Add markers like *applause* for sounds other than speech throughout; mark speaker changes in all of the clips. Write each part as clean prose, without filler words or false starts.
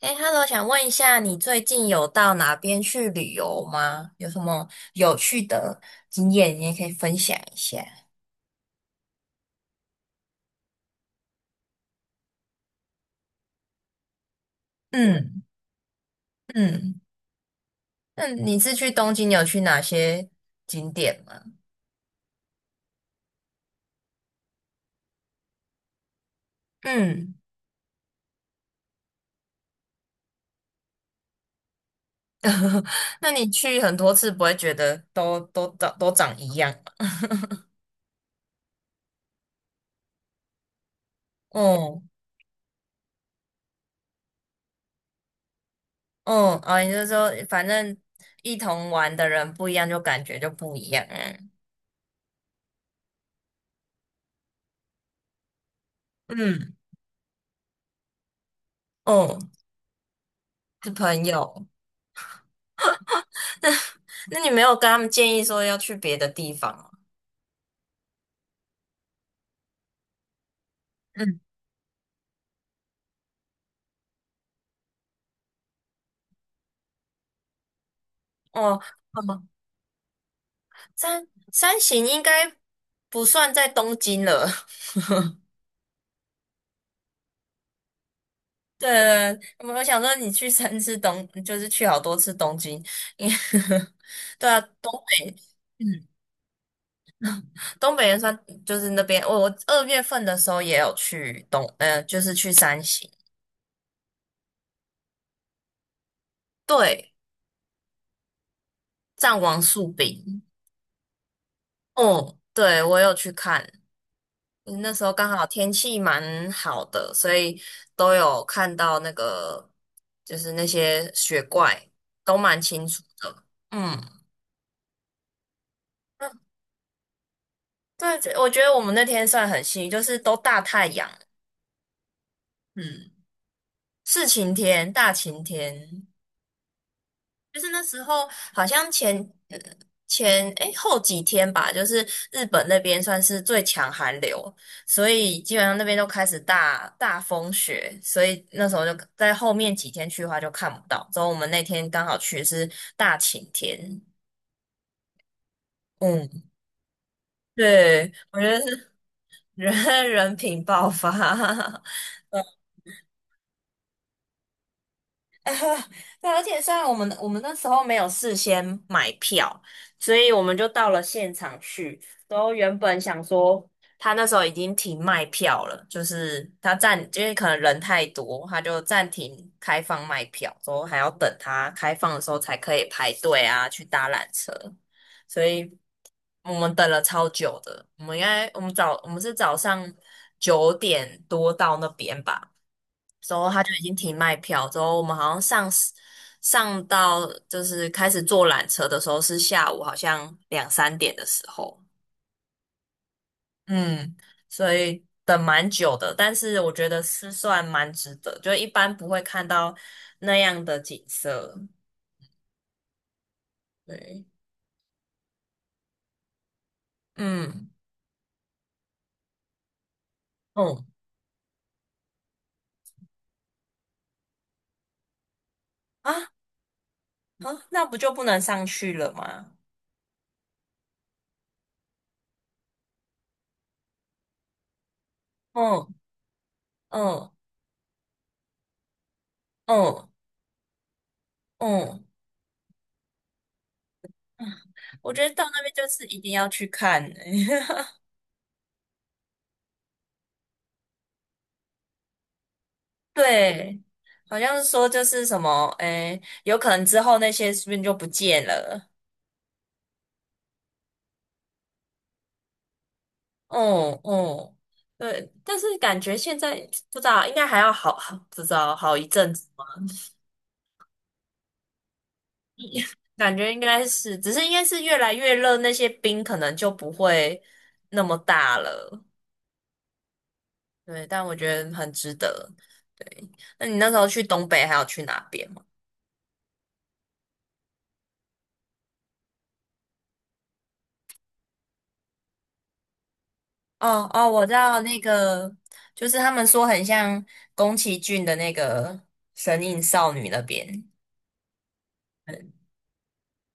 Speaker 1: 哎，Hello，想问一下，你最近有到哪边去旅游吗？有什么有趣的经验，你也可以分享一下。嗯嗯，那你是去东京，有去哪些景点吗？嗯。*laughs* 那你去很多次，不会觉得都长一样吗？哦哦哦，你就说反正一同玩的人不一样，就感觉就不一样啊。嗯，哦，是朋友。*laughs* 那你没有跟他们建议说要去别的地方吗？嗯，哦，哦，三三型应该不算在东京了。*laughs* 对，我想说你去三次东，就是去好多次东京，因为 *laughs* 对啊，东北。嗯，东北也算就是那边。我2月份的时候也有去东，就是去三型。对，战王树饼。哦，对，我有去看。那时候刚好天气蛮好的，所以都有看到那个，就是那些雪怪都蛮清楚的。嗯，嗯对，我觉得我们那天算很幸运，就是都大太阳。嗯，是晴天，大晴天。就是那时候好像呃前后几天吧，就是日本那边算是最强寒流，所以基本上那边都开始大大风雪，所以那时候就在后面几天去的话就看不到。之后我们那天刚好去是大晴天。嗯，对，我觉得是 *laughs* 人品爆发。*laughs* 对啊，而且虽然我们那时候没有事先买票，所以我们就到了现场去。然后原本想说，他那时候已经停卖票了，就是他暂，因为可能人太多，他就暂停开放卖票，说还要等他开放的时候才可以排队啊，去搭缆车。所以我们等了超久的，我们应该我们早我们是早上9点多到那边吧。之后他就已经停卖票，之后我们好像上到就是开始坐缆车的时候是下午，好像两三点的时候。嗯，所以等蛮久的，但是我觉得是算蛮值得，就一般不会看到那样的景色，对。嗯嗯啊啊，那不就不能上去了吗？嗯嗯嗯嗯，我觉得到那边就是一定要去看欸。 *laughs* 对，好像是说就是什么，诶，有可能之后那些是不是就不见了？嗯嗯，对，但是感觉现在不知道，应该还要好，好不知道好一阵子嘛。感觉应该是，只是应该是越来越热，那些冰可能就不会那么大了。对，但我觉得很值得。对，那你那时候去东北还有去哪边吗？哦哦，我知道那个，就是他们说很像宫崎骏的那个《神隐少女》那边，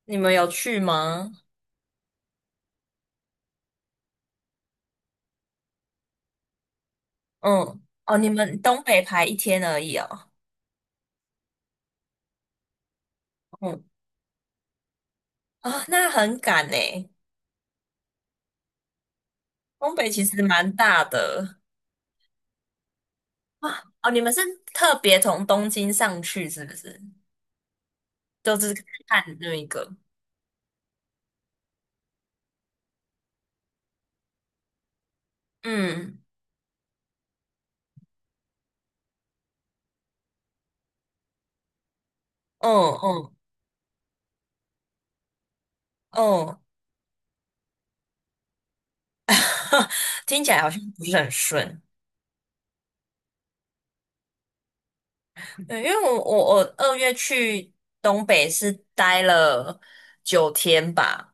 Speaker 1: 你们有去吗？嗯，哦，你们东北排一天而已哦。嗯，啊、那很赶诶，东北其实蛮大的啊。哦，你们是特别从东京上去是不是？就是看那一个。嗯，哦哦哦。*laughs* 听起来好像不是很顺。对，因为我二月去东北是待了九天吧。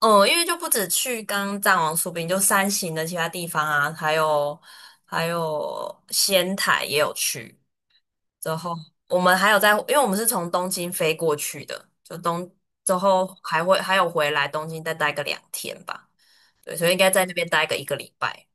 Speaker 1: 嗯，因为就不止去刚刚藏王苏炳，就山形的其他地方啊，还有仙台也有去。之后我们还有在，因为我们是从东京飞过去的，就东之后还有回来东京再待个两天吧。对，所以应该在那边待个一个礼拜。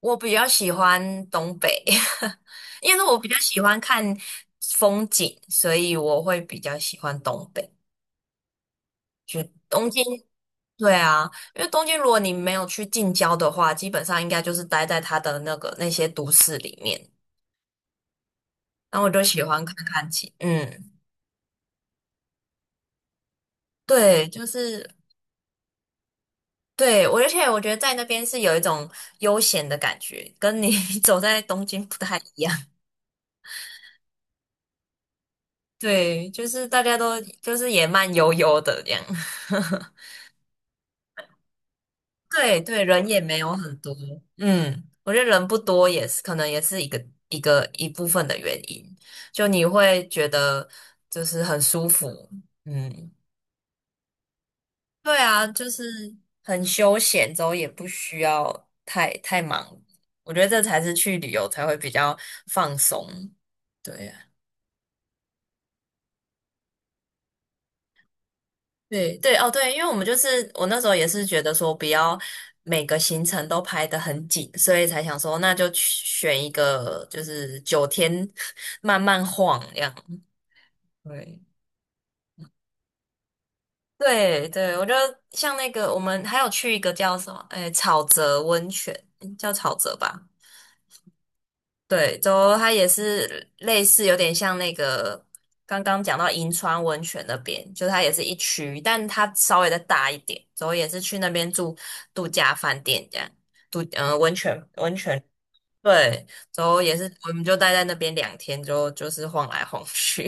Speaker 1: 我比较喜欢东北，*laughs* 因为我比较喜欢看风景，所以我会比较喜欢东北。就东京，对啊，因为东京如果你没有去近郊的话，基本上应该就是待在它的那个那些都市里面。然后我就喜欢看看景。嗯，对，就是对我，而且我觉得在那边是有一种悠闲的感觉，跟你 *laughs* 走在东京不太一样。对，就是大家都就是也慢悠悠的这样。*laughs* 对对，人也没有很多。嗯，我觉得人不多也是可能也是一部分的原因，就你会觉得就是很舒服。嗯，对啊，就是很休闲，之后也不需要太忙，我觉得这才是去旅游才会比较放松，对呀。对对哦，对，因为我们就是我那时候也是觉得说不要每个行程都排得很紧，所以才想说那就去选一个就是九天 *laughs* 慢慢晃这样。对对对，我觉得像那个我们还有去一个叫什么，诶，草泽温泉，叫草泽吧。对，走后它也是类似，有点像那个刚刚讲到银川温泉那边，就它也是一区，但它稍微的大一点。走后也是去那边住度假饭店这样，度嗯、呃、温泉温泉对，走后也是我们就待在那边两天就就是晃来晃去。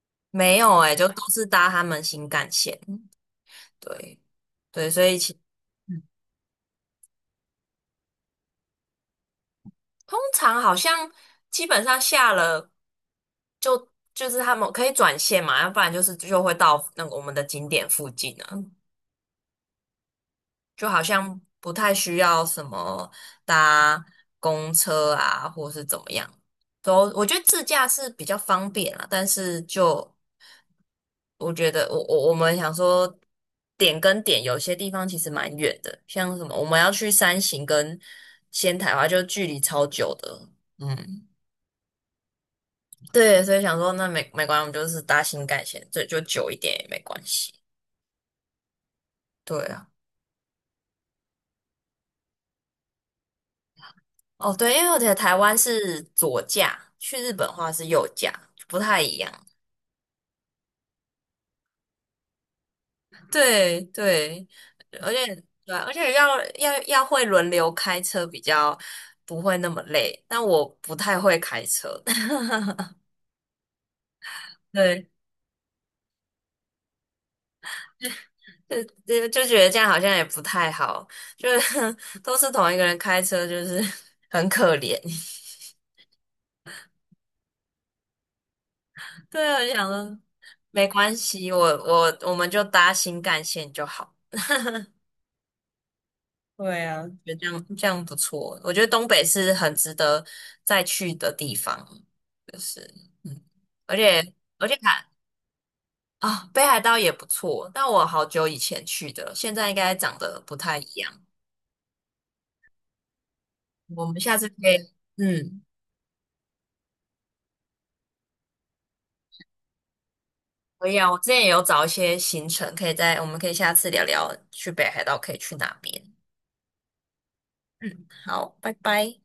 Speaker 1: *laughs* 没有诶、就都是搭他们新干线。对对，所以其通常好像基本上下了就是他们可以转线嘛，要不然就是就会到那个我们的景点附近啊，就好像不太需要什么搭公车啊，或是怎么样。都我觉得自驾是比较方便啊，但是就我觉得我们想说点跟点有些地方其实蛮远的，像什么我们要去山形跟仙台的话，就距离超久的，嗯。对，所以想说那没关系，我们就是搭新干线，这就久一点也没关系。对啊，哦对，因为我觉得台湾是左驾，去日本的话是右驾，不太一样。对对，而且对啊而且要会轮流开车，比较不会那么累。但我不太会开车。*laughs* 对，就就觉得这样好像也不太好，就是 *laughs* 都是同一个人开车，就是 *laughs* 很可怜。对啊，我就想说没关系，我们就搭新干线就好，对啊，觉得这样不错。我觉得东北是很值得再去的地方，就是嗯，而且看啊、北海道也不错，但我好久以前去的了，现在应该长得不太一样。我们下次可以，嗯，可以啊。我之前也有找一些行程，可以在我们可以下次聊聊去北海道可以去哪边。嗯，好，拜拜。